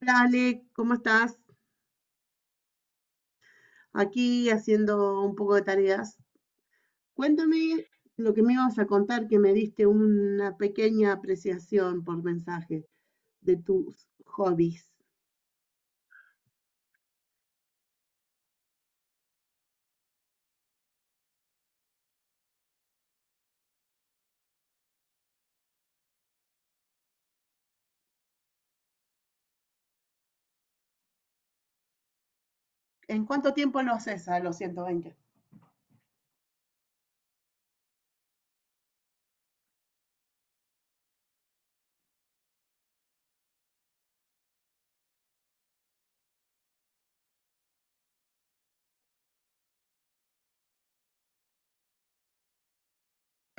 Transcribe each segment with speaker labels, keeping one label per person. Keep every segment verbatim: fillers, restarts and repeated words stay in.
Speaker 1: Hola Ale, ¿cómo estás? Aquí haciendo un poco de tareas. Cuéntame lo que me ibas a contar, que me diste una pequeña apreciación por mensaje de tus hobbies. ¿En cuánto tiempo lo haces a los ciento veinte?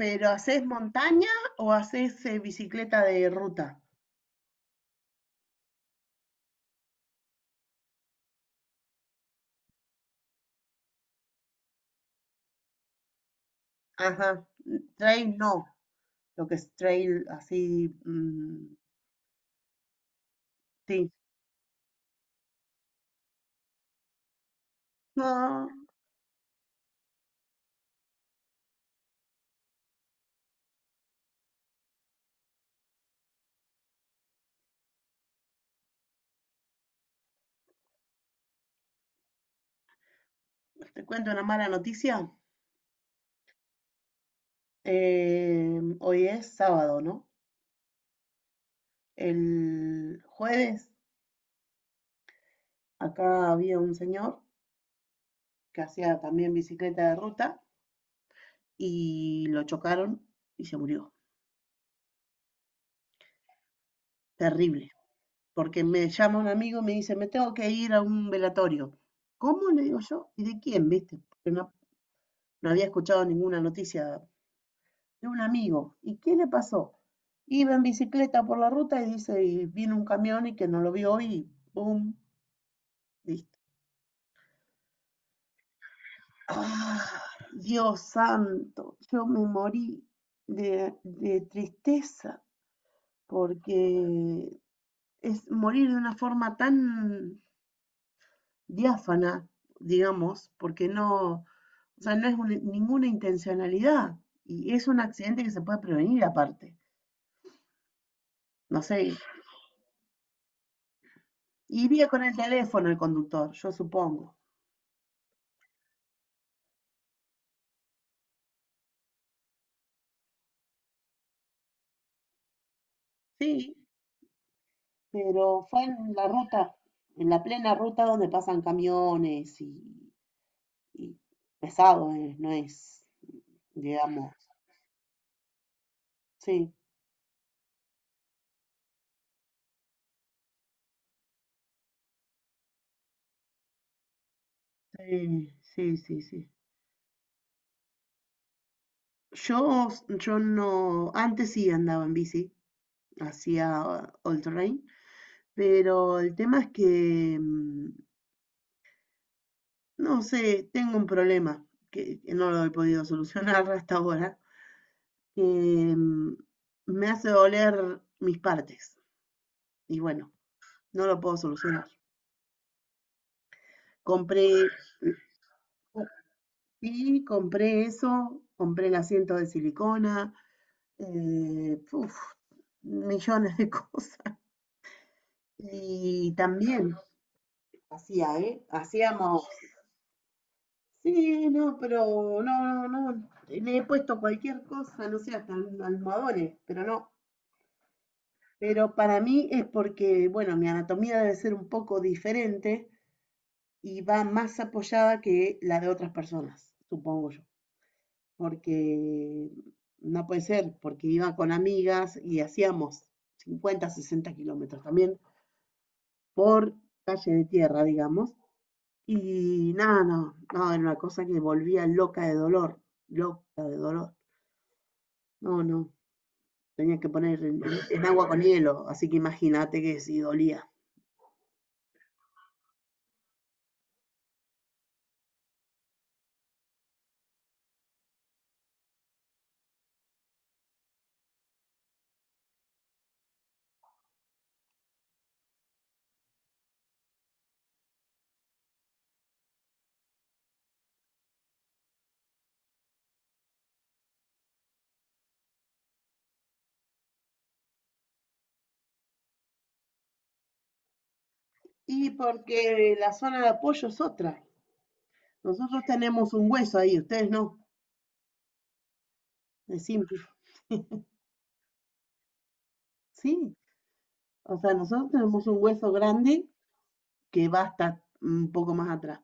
Speaker 1: ¿Pero haces montaña o haces eh, bicicleta de ruta? Ajá, mm, trail no, lo que es trail así, mm, sí. No, te cuento una mala noticia. Eh, hoy es sábado, ¿no? El jueves acá había un señor que hacía también bicicleta de ruta y lo chocaron y se murió. Terrible. Porque me llama un amigo y me dice, me tengo que ir a un velatorio. ¿Cómo? Le digo yo. ¿Y de quién, viste? Porque no, no había escuchado ninguna noticia de un amigo. ¿Y qué le pasó? Iba en bicicleta por la ruta y dice, y vino un camión y que no lo vio y ¡pum! Listo. Ah, Dios santo, yo me morí de, de tristeza porque es morir de una forma tan diáfana, digamos, porque no, o sea, no es un- ninguna intencionalidad y es un accidente que se puede prevenir aparte. No sé, iría con el teléfono el conductor, yo supongo. Sí, pero fue en la ruta, en la plena ruta donde pasan camiones y y pesado, eh, no es, digamos, sí. Sí, sí, sí, sí. Yo, yo no, antes sí andaba en bici, hacía all terrain, pero el tema es que, mm, no sé, tengo un problema que, que no lo he podido solucionar hasta ahora, que mm, me hace doler mis partes. Y bueno, no lo puedo solucionar. Compré, sí, compré eso, compré el asiento de silicona, eh, puf, millones de cosas. Y también hacía, ¿eh? Hacíamos, sí, no, pero no, no, no, le he puesto cualquier cosa, no sé, hasta almohadones, pero no. Pero para mí es porque, bueno, mi anatomía debe ser un poco diferente y va más apoyada que la de otras personas, supongo yo. Porque no puede ser, porque iba con amigas y hacíamos cincuenta, sesenta kilómetros también por calle de tierra, digamos. Y nada, no, no, era una cosa que volvía loca de dolor, loca de dolor. No, no, tenía que poner en, en agua con hielo, así que imagínate que si dolía. Y porque la zona de apoyo es otra. Nosotros tenemos un hueso ahí, ustedes no, es simple. Sí, o sea, nosotros tenemos un hueso grande que va hasta un poco más atrás.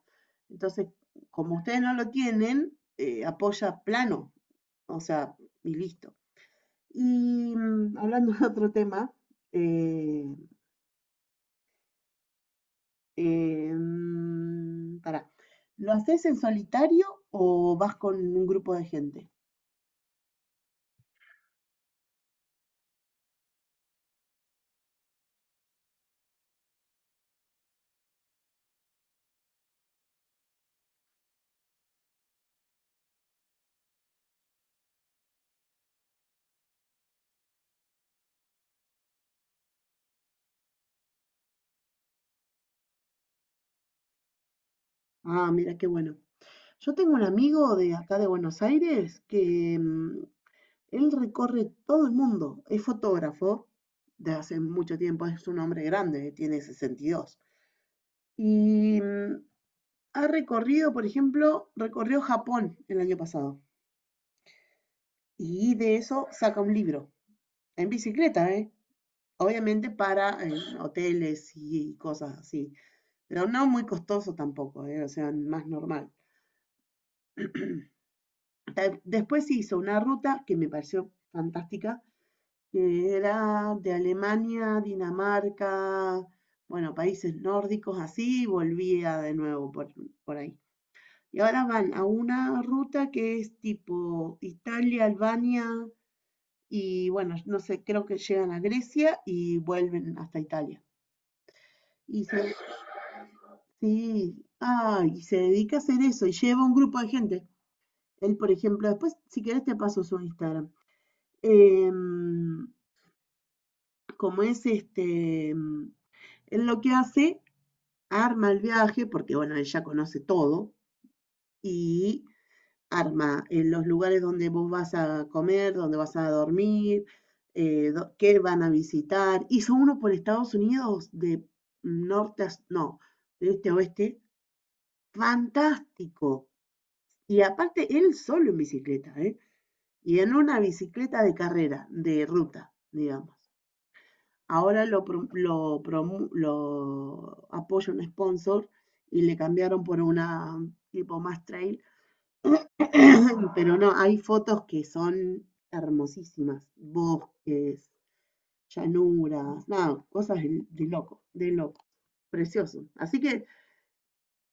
Speaker 1: Entonces, como ustedes no lo tienen, eh, apoya plano, o sea, y listo. Y mm, hablando de otro tema, eh, eh, mm, pará, ¿lo haces en solitario o vas con un grupo de gente? Ah, mira, qué bueno. Yo tengo un amigo de acá de Buenos Aires que mm, él recorre todo el mundo, es fotógrafo de hace mucho tiempo, es un hombre grande, tiene sesenta y dos y mm, ha recorrido, por ejemplo, recorrió Japón el año pasado. Y de eso saca un libro, en bicicleta, ¿eh? Obviamente para eh, hoteles y cosas así, pero no muy costoso tampoco, ¿eh? O sea, más normal. Después hizo una ruta que me pareció fantástica, que era de Alemania, Dinamarca, bueno, países nórdicos así, y volvía de nuevo por, por ahí. Y ahora van a una ruta que es tipo Italia, Albania y bueno, no sé, creo que llegan a Grecia y vuelven hasta Italia. Y se, sí, ah, y se dedica a hacer eso y lleva un grupo de gente. Él, por ejemplo, después, si querés, te paso su Instagram. Em, como es este, em, él lo que hace arma el viaje, porque bueno, él ya conoce todo, y arma en los lugares donde vos vas a comer, donde vas a dormir, eh, do- qué van a visitar. Hizo uno por Estados Unidos de norte a, no, de este a oeste, fantástico. Y aparte, él solo en bicicleta, ¿eh? Y en una bicicleta de carrera, de ruta, digamos. Ahora lo, lo, promu- lo apoya un sponsor y le cambiaron por una mm, tipo más trail. Pero no, hay fotos que son hermosísimas. Bosques, llanuras, nada, cosas de, de loco, de loco. Precioso. Así que,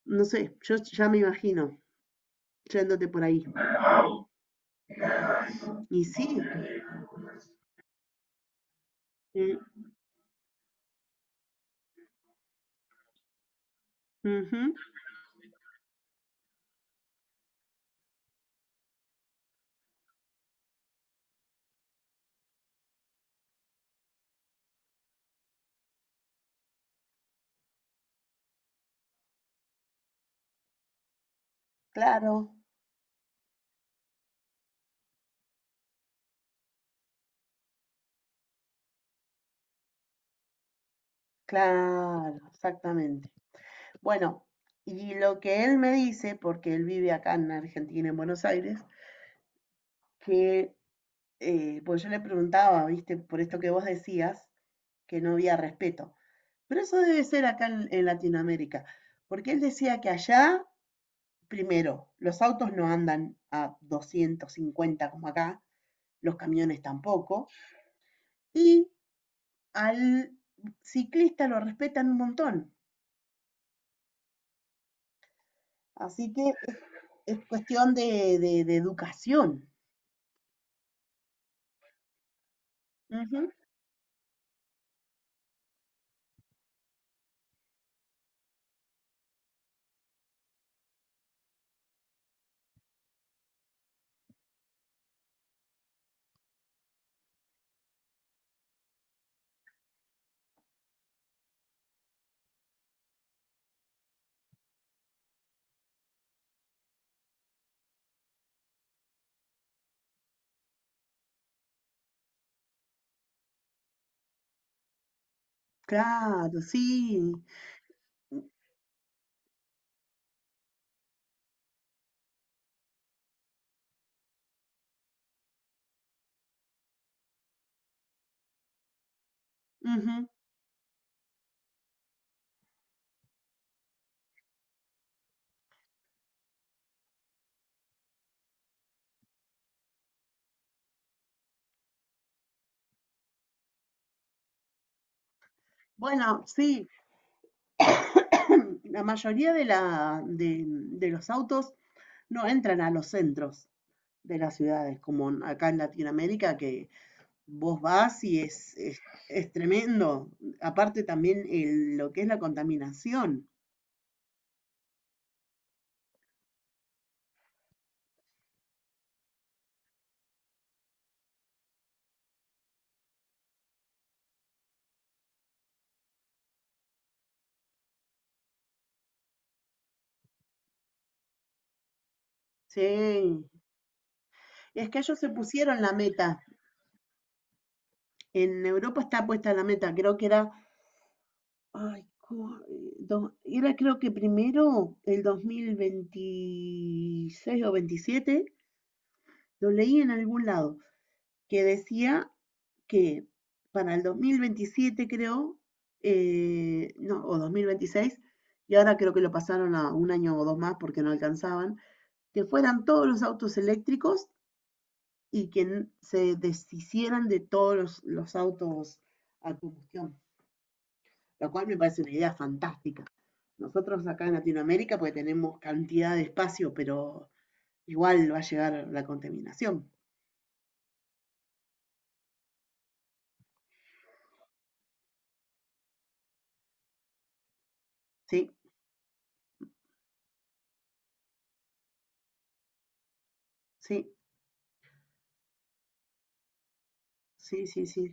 Speaker 1: no sé, yo ya me imagino yéndote por ahí. Y sí, mm, ujú, claro, claro, exactamente. Bueno, y lo que él me dice, porque él vive acá en Argentina, en Buenos Aires, que, eh, pues yo le preguntaba, viste, por esto que vos decías, que no había respeto. Pero eso debe ser acá en, en Latinoamérica, porque él decía que allá, primero, los autos no andan a doscientos cincuenta como acá, los camiones tampoco, y al ciclista lo respetan un montón. Así que es cuestión de, de- de educación. Ujú. Claro, sí. Ujú. Bueno, sí, la mayoría de, la, de, de los autos no entran a los centros de las ciudades, como en- acá en Latinoamérica, que vos vas y es, es, es tremendo. Aparte también el- lo que es la contaminación. Sí, es que ellos se pusieron la meta. En Europa está puesta la meta, creo que era Ay, co- eh, dos- era creo que primero el dos mil veintiséis o veintisiete, lo leí en algún lado, que decía que para el dos mil veintisiete creo, eh, no, o dos mil veintiséis, y ahora creo que lo pasaron a un año o dos más porque no alcanzaban, que fueran todos los autos eléctricos y que n- se deshicieran de todos los, los autos a combustión. Lo cual me parece una idea fantástica. Nosotros acá en Latinoamérica pues tenemos cantidad de espacio, pero igual va a llegar la contaminación. Sí, sí, sí, sí, sí,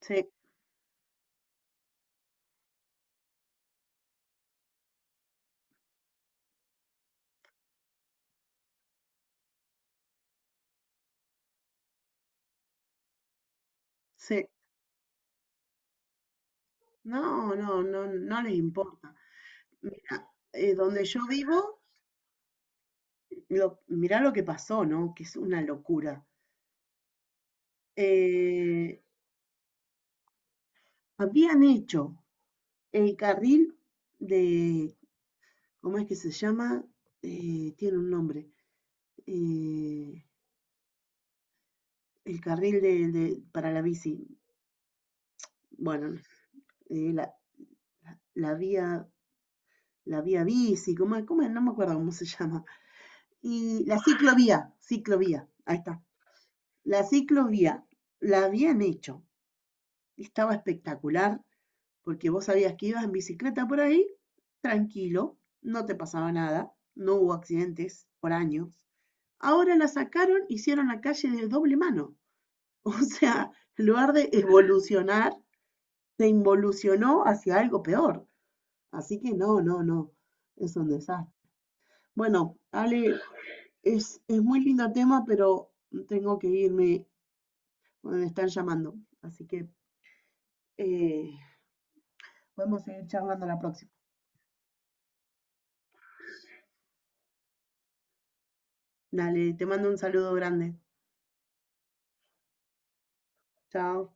Speaker 1: sí, sí. No, no, no, no les importa. Mira, eh, donde yo vivo, lo, mirá lo que pasó, ¿no? Que es una locura. Eh, habían hecho el carril de, ¿cómo es que se llama? Eh, tiene un nombre. Eh, el carril de, de- para la bici, bueno, eh, la, la- la vía, la vía bici, ¿cómo, es? ¿Cómo No me acuerdo cómo se llama. Y la ciclovía, ciclovía, ahí está. La ciclovía la habían hecho, estaba espectacular, porque vos sabías que ibas en bicicleta por ahí, tranquilo, no te pasaba nada, no hubo accidentes por años. Ahora la sacaron, hicieron la calle de doble mano. O sea, en lugar de evolucionar, se involucionó hacia algo peor. Así que no, no, no, es un desastre. Bueno, Ale, es, es muy lindo tema, pero tengo que irme, me están llamando. Así que eh, podemos seguir charlando la próxima. Dale, te mando un saludo grande. Chao.